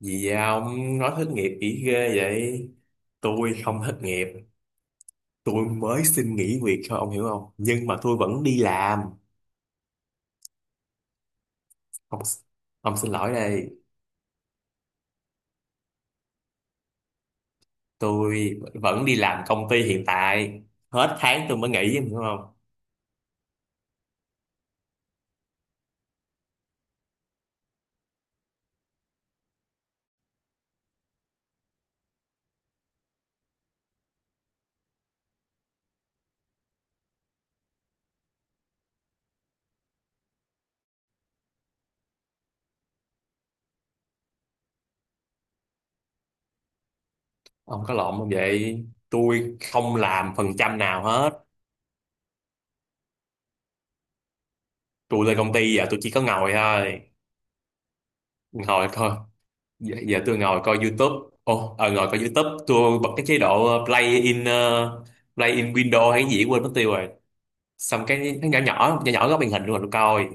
Gì vậy ông nói thất nghiệp kỹ ghê vậy? Tôi không thất nghiệp, tôi mới xin nghỉ việc thôi ông hiểu không? Nhưng mà tôi vẫn đi làm. Ông, ông xin lỗi đây, tôi vẫn đi làm công ty hiện tại. Hết tháng tôi mới nghỉ, em hiểu không? Ông có lộn không vậy? Tôi không làm phần trăm nào hết. Tôi lên công ty giờ tôi chỉ có ngồi thôi. Ngồi thôi. Giờ tôi ngồi coi YouTube. Ngồi coi YouTube. Tôi bật cái chế độ play in window hay cái gì quên mất tiêu rồi, xong cái nó nhỏ nhỏ nhỏ nhỏ góc màn hình luôn rồi coi.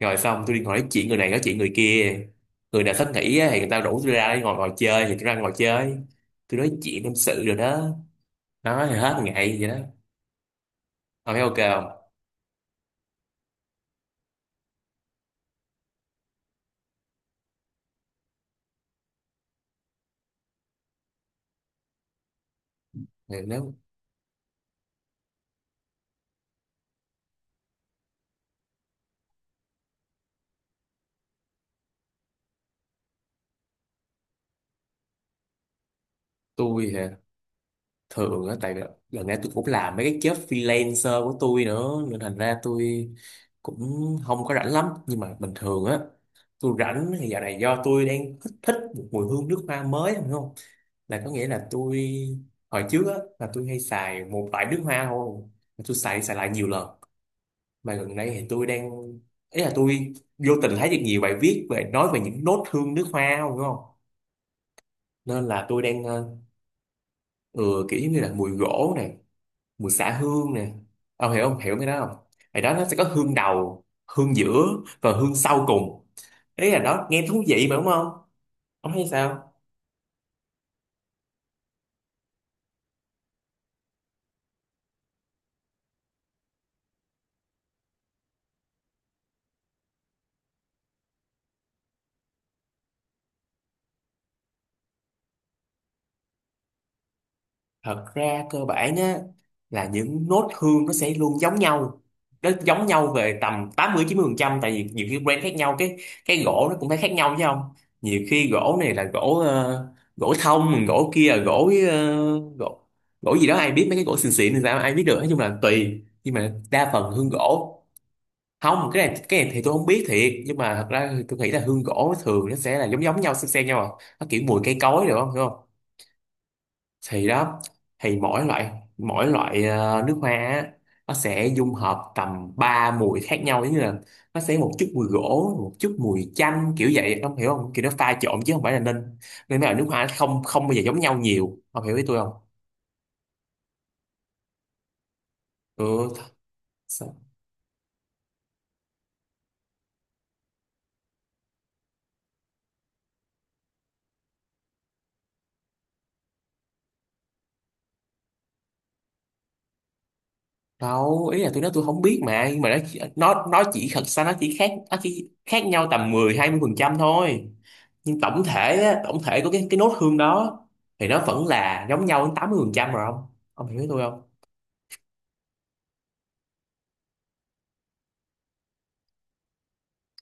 Rồi xong tôi đi ngồi nói chuyện người này nói chuyện người kia, người nào thích nghỉ á thì người ta rủ tôi ra để ngồi ngồi chơi thì tôi ra ngồi chơi, tôi nói chuyện tâm sự rồi đó, nói thì hết ngày vậy đó. Ông thấy ok không? Thì nếu tôi thì thường á, tại lần này tôi cũng làm mấy cái job freelancer của tôi nữa nên thành ra tôi cũng không có rảnh lắm, nhưng mà bình thường á, tôi rảnh thì giờ này do tôi đang thích thích một mùi hương nước hoa mới không không là có nghĩa là tôi hồi trước á là tôi hay xài một loại nước hoa thôi. Mà tôi xài xài lại nhiều lần, mà gần đây thì tôi đang, ý là tôi vô tình thấy được nhiều bài viết về nói về những nốt hương nước hoa không đúng không, nên là tôi đang ừ, kiểu giống như là mùi gỗ này, mùi xả hương nè, ông hiểu không hiểu cái đó không? Thì đó nó sẽ có hương đầu, hương giữa và hương sau cùng, ý là đó nghe thú vị mà đúng không? Ông thấy sao? Thật ra cơ bản á, là những nốt hương nó sẽ luôn giống nhau, nó giống nhau về tầm 80-90%, tại vì nhiều khi brand khác nhau cái gỗ nó cũng phải khác nhau chứ không, nhiều khi gỗ này là gỗ thông, gỗ kia là gỗ ờ, gỗ gỗ gì đó, ai biết, mấy cái gỗ xịn xịn thì sao ai biết được, nói chung là tùy, nhưng mà đa phần hương gỗ không, cái này thì tôi không biết thiệt, nhưng mà thật ra tôi nghĩ là hương gỗ thường nó sẽ là giống giống nhau xem nhau à. Nó kiểu mùi cây cối, được không hiểu không? Thì đó, thì mỗi loại, mỗi loại nước hoa á, nó sẽ dung hợp tầm 3 mùi khác nhau, giống như là nó sẽ một chút mùi gỗ, một chút mùi chanh, kiểu vậy ông hiểu không, kiểu nó pha trộn chứ không phải là nên, nên mấy loại nước hoa nó không không bao giờ giống nhau nhiều, ông hiểu ý tôi không? ừ th- sao- Đâu ý là tôi nói tôi không biết mà, nhưng mà nó chỉ, thật ra nó chỉ khác nhau tầm 10-20% thôi, nhưng tổng thể á, tổng thể của cái nốt hương đó thì nó vẫn là giống nhau đến 80% rồi không, ông hiểu ý tôi không?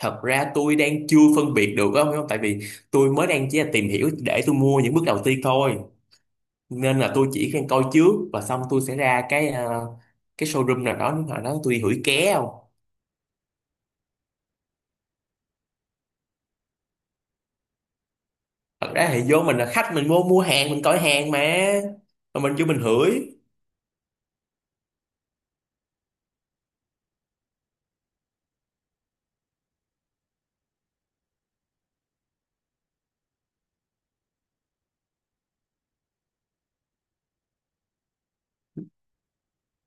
Thật ra tôi đang chưa phân biệt được á, ông hiểu không, tại vì tôi mới đang chỉ là tìm hiểu để tôi mua những bước đầu tiên thôi, nên là tôi chỉ đang coi trước và xong tôi sẽ ra cái showroom nào đó, nếu mà nó tôi đi hửi ké không. Thật ra thì vô mình là khách, mình mua mua hàng, mình coi hàng mà mình vô mình hửi.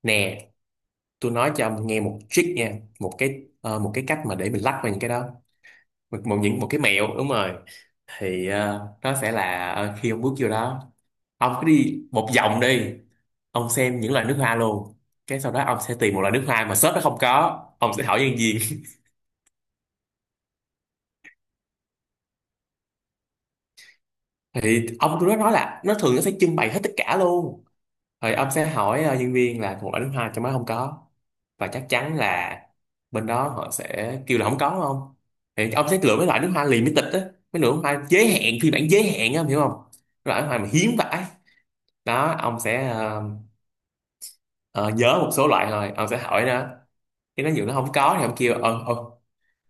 Nè tôi nói cho ông nghe một trick nha, một cái cách mà để mình lắc vào những cái đó. Một cái mẹo đúng rồi. Thì ờ, nó sẽ là ờ, khi ông bước vô đó, ông cứ đi một vòng đi, ông xem những loại nước hoa luôn, cái sau đó ông sẽ tìm một loại nước hoa mà shop nó không có, ông sẽ hỏi nhân viên. Thì ông tôi nó nói là nó thường nó sẽ trưng bày hết tất cả luôn, rồi ông sẽ hỏi nhân viên là một loại nước hoa trong đó không có, và chắc chắn là bên đó họ sẽ kêu là không có không, thì ông sẽ lựa mấy loại nước hoa limited á, mấy loại nước hoa giới hạn, phiên bản giới hạn á, ông hiểu không? Mấy loại nước hoa mà hiếm vãi, đó ông sẽ ờ, nhớ một số loại thôi, ông sẽ hỏi nó, cái nó dụ nó không có thì ông kêu ờ ờ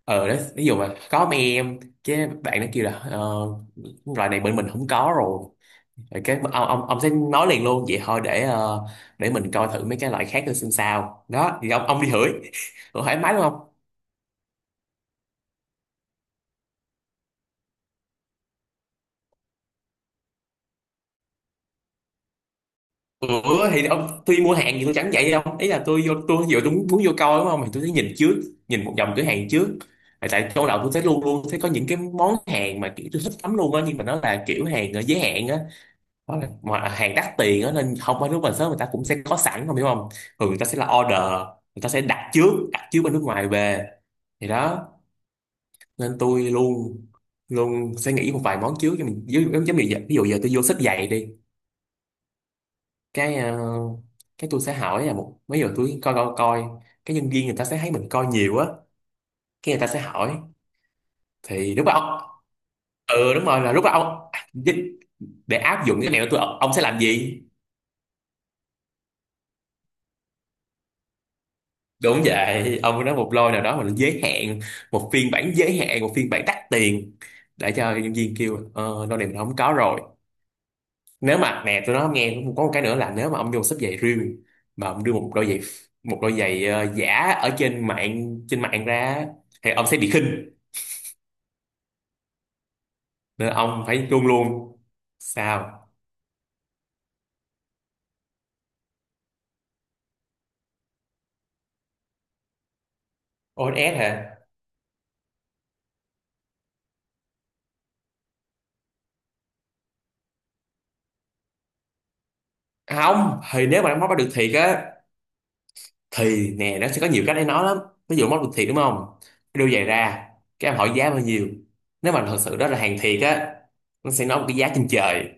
ờ đấy ví dụ mà có mấy em, cái bạn nó kêu là loại này bên mình không có rồi. Rồi cái ông sẽ nói liền luôn vậy thôi, để để mình coi thử mấy cái loại khác nữa xem sao, đó thì ông đi thử thoải mái đúng không? Ủa thì ông tôi mua hàng thì tôi chẳng vậy đâu, ý là tôi vô tôi vừa tôi muốn vô coi đúng không, thì tôi thấy nhìn trước, nhìn một vòng cửa hàng trước. Tại tại trong đầu tôi thấy luôn luôn thấy có những cái món hàng mà kiểu tôi thích lắm luôn á, nhưng mà nó là kiểu hàng giới hạn á, hoặc là mà hàng đắt tiền á, nên không phải lúc mà sớm người ta cũng sẽ có sẵn không hiểu không, thường người ta sẽ là order, người ta sẽ đặt trước bên nước ngoài về, thì đó, nên tôi luôn luôn sẽ nghĩ một vài món trước cho mình, ví dụ giống như vậy, ví dụ giờ tôi vô xách giày đi, cái ờ, cái tôi sẽ hỏi là một mấy giờ tôi coi coi coi, cái nhân viên người ta sẽ thấy mình coi nhiều á, cái người ta sẽ hỏi. Thì lúc đó ông, ừ đúng rồi, là lúc đó ông à, để áp dụng cái này của tôi, ông sẽ làm gì? Đúng vậy, ông nói một lôi nào đó mà nó giới hạn, một phiên bản giới hạn, một phiên bản đắt tiền, để cho nhân viên kêu ờ lôi này mình không có rồi. Nếu mà nè tôi nói ông nghe cũng có một cái nữa là, nếu mà ông vô xếp giày riêng mà ông đưa một đôi giày, một đôi giả ở trên mạng, trên mạng ra, thì ông sẽ bị khinh, nên ông phải chuông luôn. Sao? OSS hả? Không, thì nếu mà nó móc bắt được thiệt á, thì nè nó sẽ có nhiều cách để nói lắm. Ví dụ móc được thiệt đúng không, đưa giày ra, cái em hỏi giá bao nhiêu. Nếu mà thật sự đó là hàng thiệt á, nó sẽ nói một cái giá trên trời.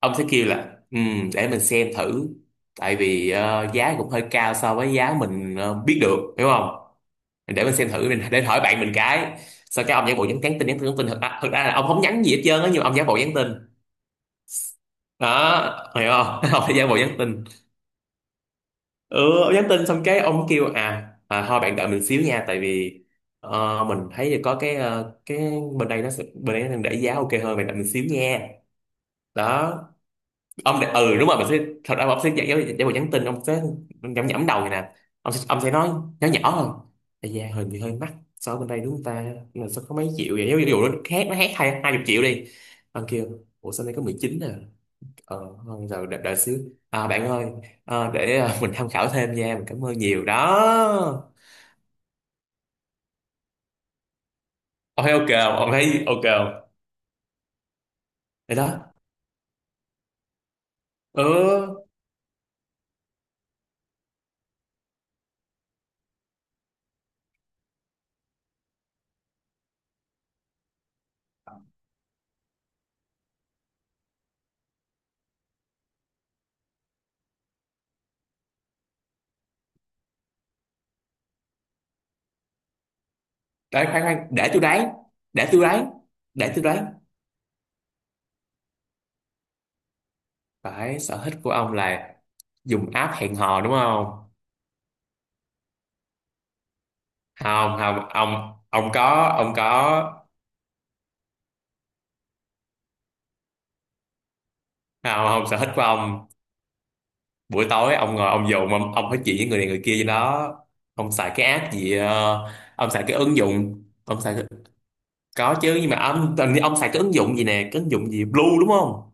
Ông sẽ kêu là, ừ, để mình xem thử, tại vì giá cũng hơi cao so với giá mình biết được, hiểu không? Để mình xem thử, mình để hỏi bạn mình, cái sau cái ông giả bộ nhắn nhắn tin nhắn tin nhắn tin, thật ra là ông không nhắn gì hết trơn á, nhưng mà ông giả bộ nhắn tin, đó hiểu không? Ông phải giả bộ nhắn tin. Ừ ông nhắn tin xong cái ông kêu à thôi bạn đợi mình xíu nha, tại vì mình thấy là có cái bên đây nó sẽ, bên đây nó đang để giá ok hơn, bạn đợi mình xíu nha. Đó ông để, ừ đúng rồi mình sẽ, thật ra ông sẽ giả bộ nhắn tin, ông sẽ nhẩm nhẩm đầu này nè, ông sẽ nói nhỏ nhỏ hơn. Ây da hình thì hơi mắc so với bên đây đúng không ta, là sao có mấy triệu vậy, ví dụ nó khác, nó khác hai hai chục triệu đi, ông kêu ủa sao đây có 19 à. Ờ, không rồi đã xíu, bạn ơi, để mình tham khảo thêm nha, mình cảm ơn nhiều đó. Ok ok không? Ông thấy ok không? Vậy đó. Ừ, đấy khoan khoan để tôi đoán, để tôi đoán, để tôi đoán. Phải, sở thích của ông là dùng app hẹn hò đúng không? Không, ông có, không không sở thích của ông buổi tối ông ngồi ông dùng, ông nói chuyện với người này người kia gì đó, ông xài cái app gì ờ, ông xài cái ứng dụng, ông xài. Có chứ nhưng mà ông tình ông xài cái ứng dụng gì nè, cái ứng dụng gì Blue đúng không?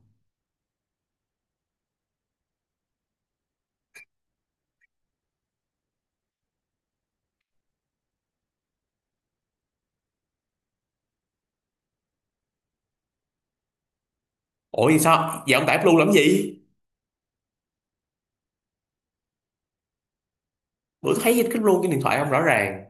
Ủa thì sao? Vậy ông tải Blue làm gì? Bữa thấy cái Blue trên điện thoại ông rõ ràng.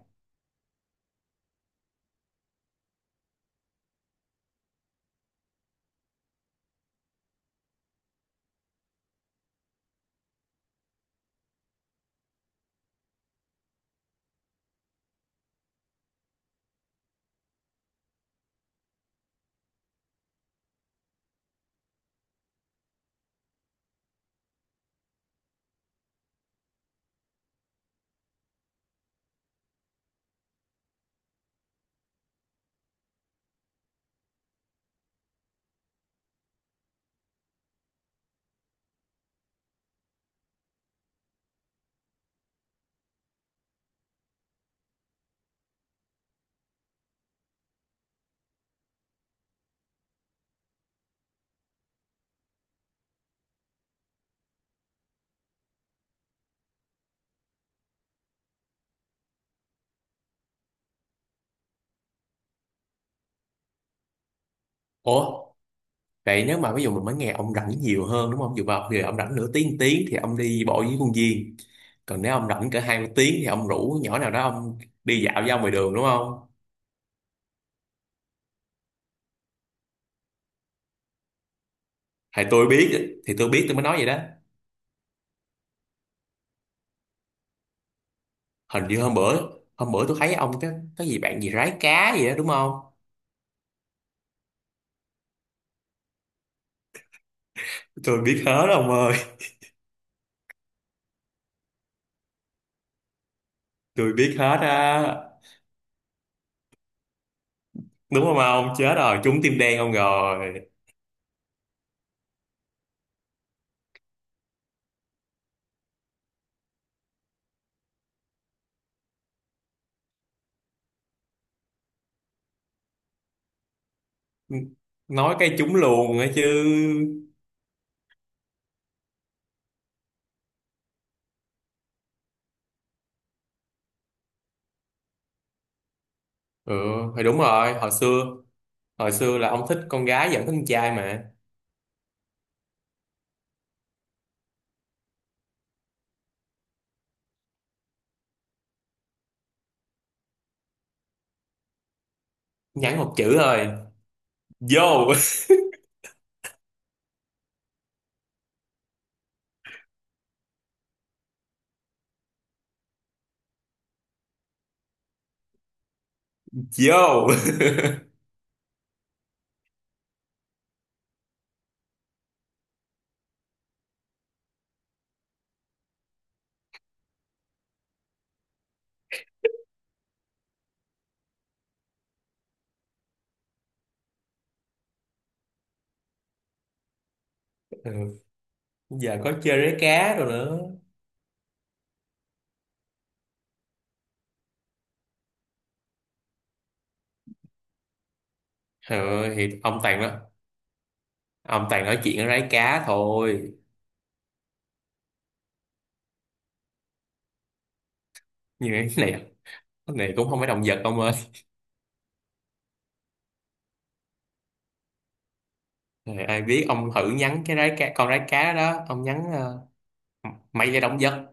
Ủa, vậy nếu mà ví dụ mình mới nghe ông rảnh nhiều hơn đúng không? Dù vào giờ ông rảnh nửa tiếng tiếng thì ông đi bộ với công viên. Còn nếu ông rảnh cỡ 2 tiếng thì ông rủ nhỏ nào đó ông đi dạo với ông ngoài đường đúng không? Thì tôi biết tôi mới nói vậy đó. Hình như hôm bữa tôi thấy ông cái gì bạn gì rái cá gì đó đúng không? Tôi biết hết ông ơi, tôi biết hết á. Đúng không ông, chết rồi, trúng tim đen ông rồi, nói cái trúng luôn ấy chứ. Ừ thì đúng rồi, hồi xưa, hồi xưa là ông thích con gái vẫn thích con trai mà. Nhắn một chữ thôi. Vô Vô. Ừ. Giờ có chơi rái cá rồi nữa. Ừ, thì ông toàn đó, ông toàn nói chuyện ở rái cá thôi. Nhưng mà cái này, cái này cũng không phải động vật ông ơi. Trời, ai biết, ông thử nhắn cái rái cá, con rái cá đó ông nhắn mày là động vật.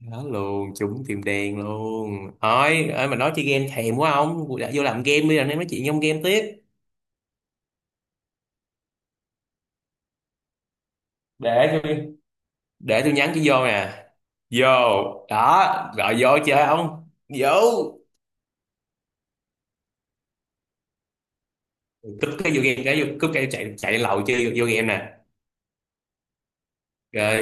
Đó luôn, trúng tim đen luôn. Thôi ơi mà nói chơi game thèm quá, ông đã vô làm game bây giờ, nên nói chuyện trong game tiếp. Để tôi để tôi nhắn cái vô nè. Vô. Đó gọi vô chơi không? Vô. Cúp cái vô game, cái vô cúp cái chạy, chạy lên lầu chơi, vô game nè. Rồi.